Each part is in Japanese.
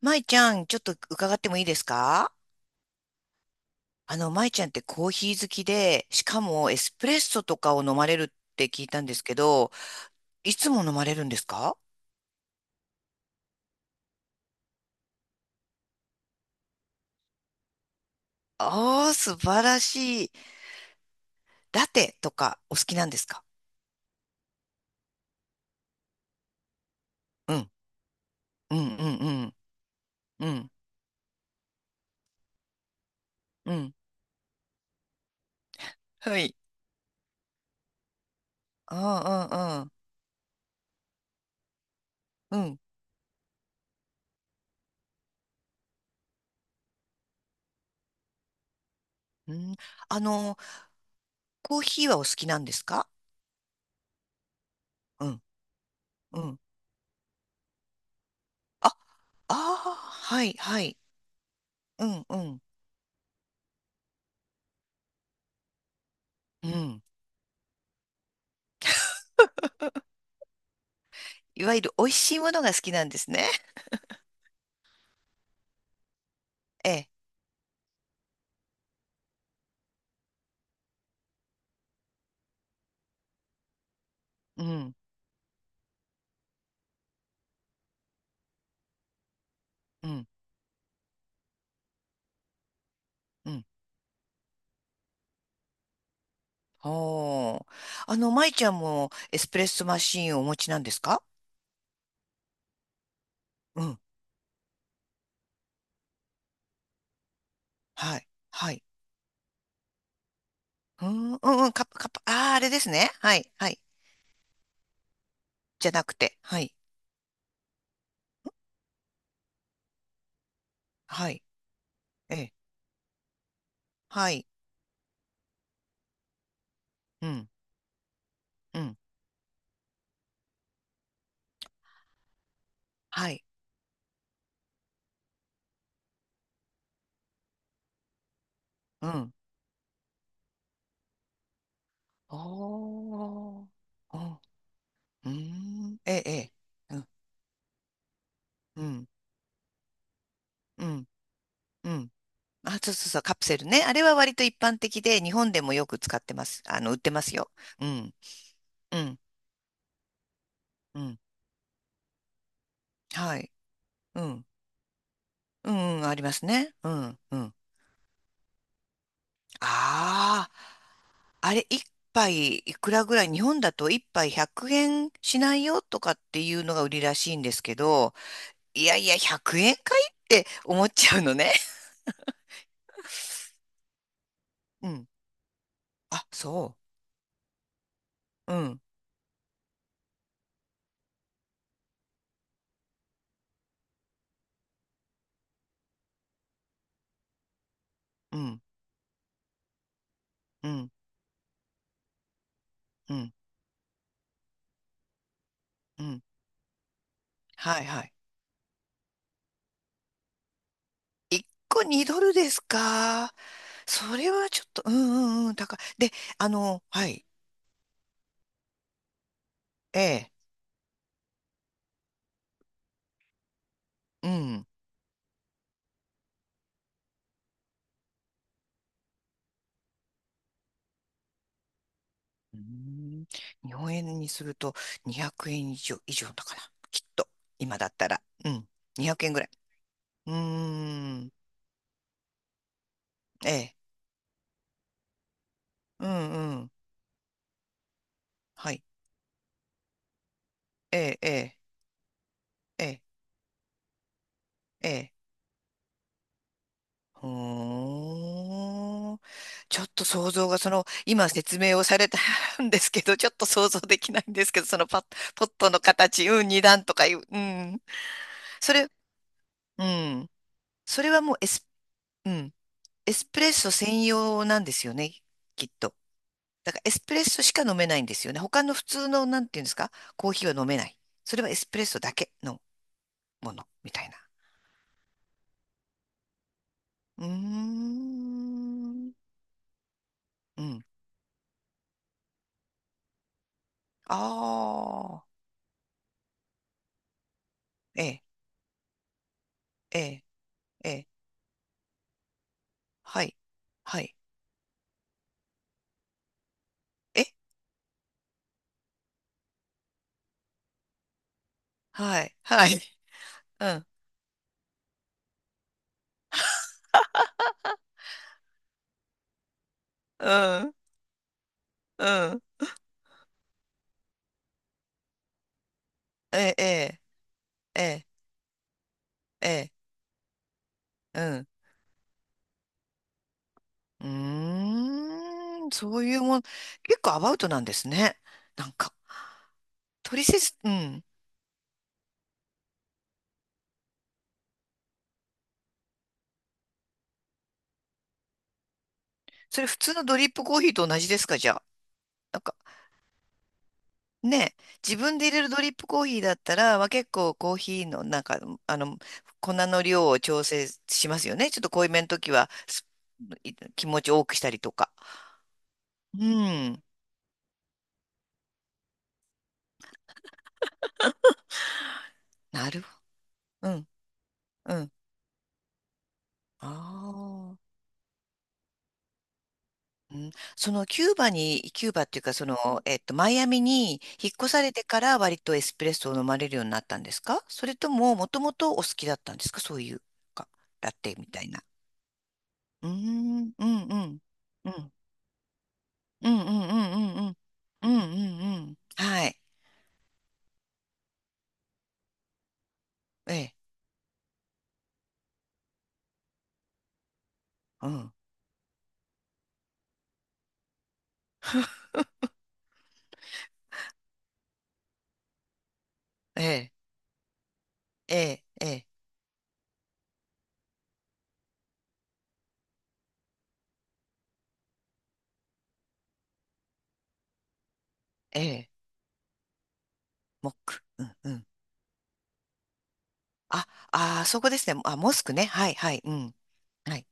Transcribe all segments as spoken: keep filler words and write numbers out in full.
舞ちゃん、ちょっと伺ってもいいですか？あの、舞ちゃんってコーヒー好きで、しかもエスプレッソとかを飲まれるって聞いたんですけど、いつも飲まれるんですか？ああー、素晴らしい。ラテとかお好きなんですか？うん、うん、うん、うん、うん、うん。はい。ああ、うん、うん、うん。うん。あの、コーヒーはお好きなんですか？うん、うん。あ、ああ、はい、はい。うん、うん、うん。いわゆる美味しいものが好きなんですね。ええ。うん、うん、うん。ほう。あの、舞ちゃんもエスプレッソマシーンをお持ちなんですか？うん。はい。はい。うん、うん、うん。カップ、カップ。ああ、あれですね。はい、はい。じゃなくて。はい。はい。ええ。はい。うん、うん。はい。うん。おー。お、うん。ええ、ええ。うん、うん、うん。うん。あ、そうそうそう。カプセルね。あれは割と一般的で、日本でもよく使ってます。あの、売ってますよ。うん、うん、うん。はい。うん。うん、うん、ありますね。うん、うん。ああ、あれ、一杯いくらぐらい、日本だと一杯ひゃくえんしないよとかっていうのが売りらしいんですけど、いやいや、ひゃくえんかいって思っちゃうのね。うん。あ、そう。うん、うん、うん、うん、うん。はい、はい。いっこにドルですか？それはちょっと、うん、うん、うん、高い。で、あの、はい、ええ、うん、うーん、日本円にするとにひゃくえん以上、以上だから、きっと、今だったら。うん、にひゃくえんぐらい。うーん、ええ、うん、うん、はい、ええ、ええ、ええ、ええ。ほーん。ちょっと想像が、その、今説明をされた んですけど、ちょっと想像できないんですけど、そのパッ、ポットの形、うん、二段とかいう、うん。それ、うん。それはもうエス、うん、エスプレッソ専用なんですよね、きっと。だからエスプレッソしか飲めないんですよね。他の普通の、なんていうんですか、コーヒーは飲めない。それはエスプレッソだけのもの、みたいな。うーん。うん。ああ。ええ、ええ、ええ。はい。はい。え、はい。はい。うん。うん。うん。ええ、ええ、ええ、ええ。うん。うーん。そういうもん。結構アバウトなんですね。なんか。トリセツ、うん。それ普通のドリップコーヒーと同じですか、じゃあ。ね、自分で入れるドリップコーヒーだったら、まあ、結構コーヒーのなんか、あの、粉の量を調整しますよね。ちょっと濃いめの時は、すい気持ち多くしたりとか。うん。なるほど。うん。うん。ああ。うん、そのキューバに、キューバっていうか、その、えっと、マイアミに引っ越されてから割とエスプレッソを飲まれるようになったんですか？それとも、もともとお好きだったんですか？そういうか、ラテみたいな。うーん、うん、うん。うんうんうんうんうんうん。うんうんうん。はい。ええ。うん。ええ。ええ。ええ。ええ。モック。うんうん。あ、あー、そこですね。あ、モスクね。はい、はい。うん。はい。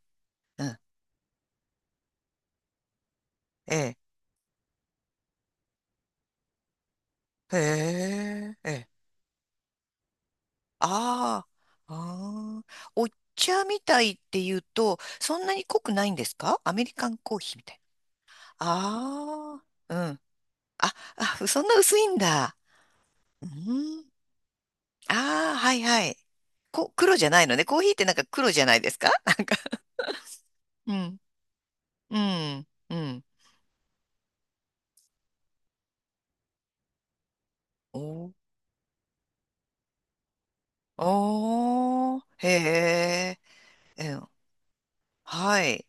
うん。ええ。へえ。ええ。ああ。ああ。お茶みたいって言うと、そんなに濃くないんですか？アメリカンコーヒーみたいな。ああ。うん。あ、あ、そんな薄いんだ。うん。ああ、はいはい。こ、黒じゃないのね。コーヒーってなんか黒じゃないですか、 なんか。うん。うん。うん。おおー。へえ。うん。はい。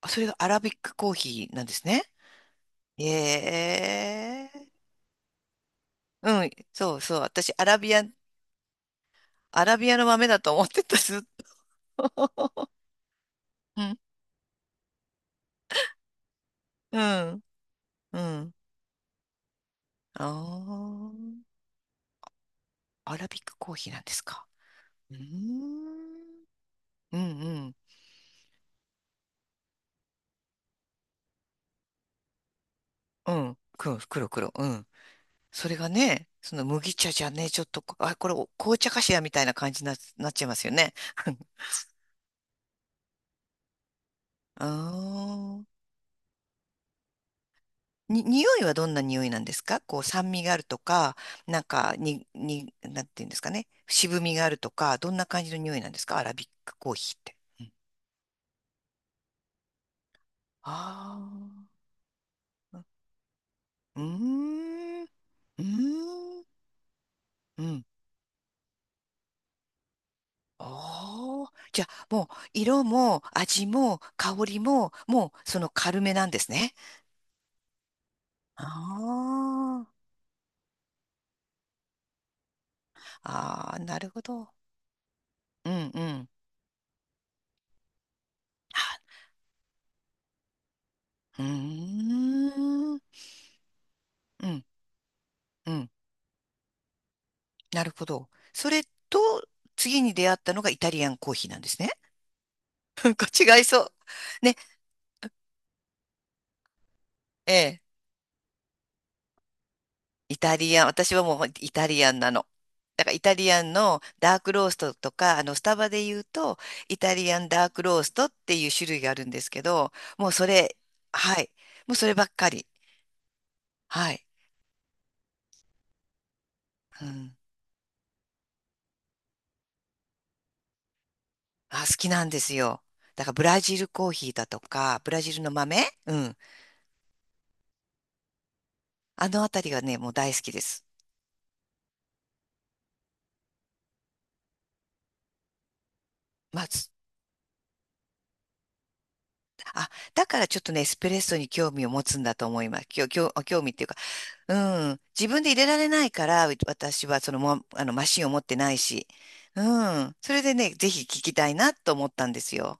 あ、それがアラビックコーヒーなんですね。へえ。うん。そうそう。私、アラビアン、アラビアの豆だと思ってた、ずっと。うん。うん。うん。ああ。アラビックコーヒーなんですか？うーん。うんうん。うん。黒、黒、黒。うん。それがね、その麦茶じゃね、ちょっとこ、あ、これお紅茶かしらみたいな感じにな、なっちゃいますよね。ああ。に、匂いはどんな匂いなんですか？こう酸味があるとか、なんか、に、に、なんていうんですかね。渋みがあるとか、どんな感じの匂いなんですか？アラビックコーヒーって。うん、ああー。うーん。うーん。うん。ああ。じゃあ、もう、色も味も香りも、もう、その軽めなんですね。ああ。ああ、なるほど。うんうん。あ、うーん。うんうん。なるほど。それと、次に出会ったのがイタリアンコーヒーなんですね。なんか違いそう。ね、ええ。イタリアン、私はもうまイタリアンなの。だからイタリアンのダークローストとか、あの、スタバで言うと、イタリアンダークローストっていう種類があるんですけど、もうそれ、はい。もうそればっかり。はい。うん、あ、好きなんですよ。だからブラジルコーヒーだとか、ブラジルの豆、うん。あのあたりがね、もう大好きです。まあ、つあ、だからちょっとね、エスプレッソに興味を持つんだと思います。きょ、きょ、興味っていうか、うん。自分で入れられないから、う私はそのも、あの、マシンを持ってないし。うん。それでね、ぜひ聞きたいなと思ったんですよ。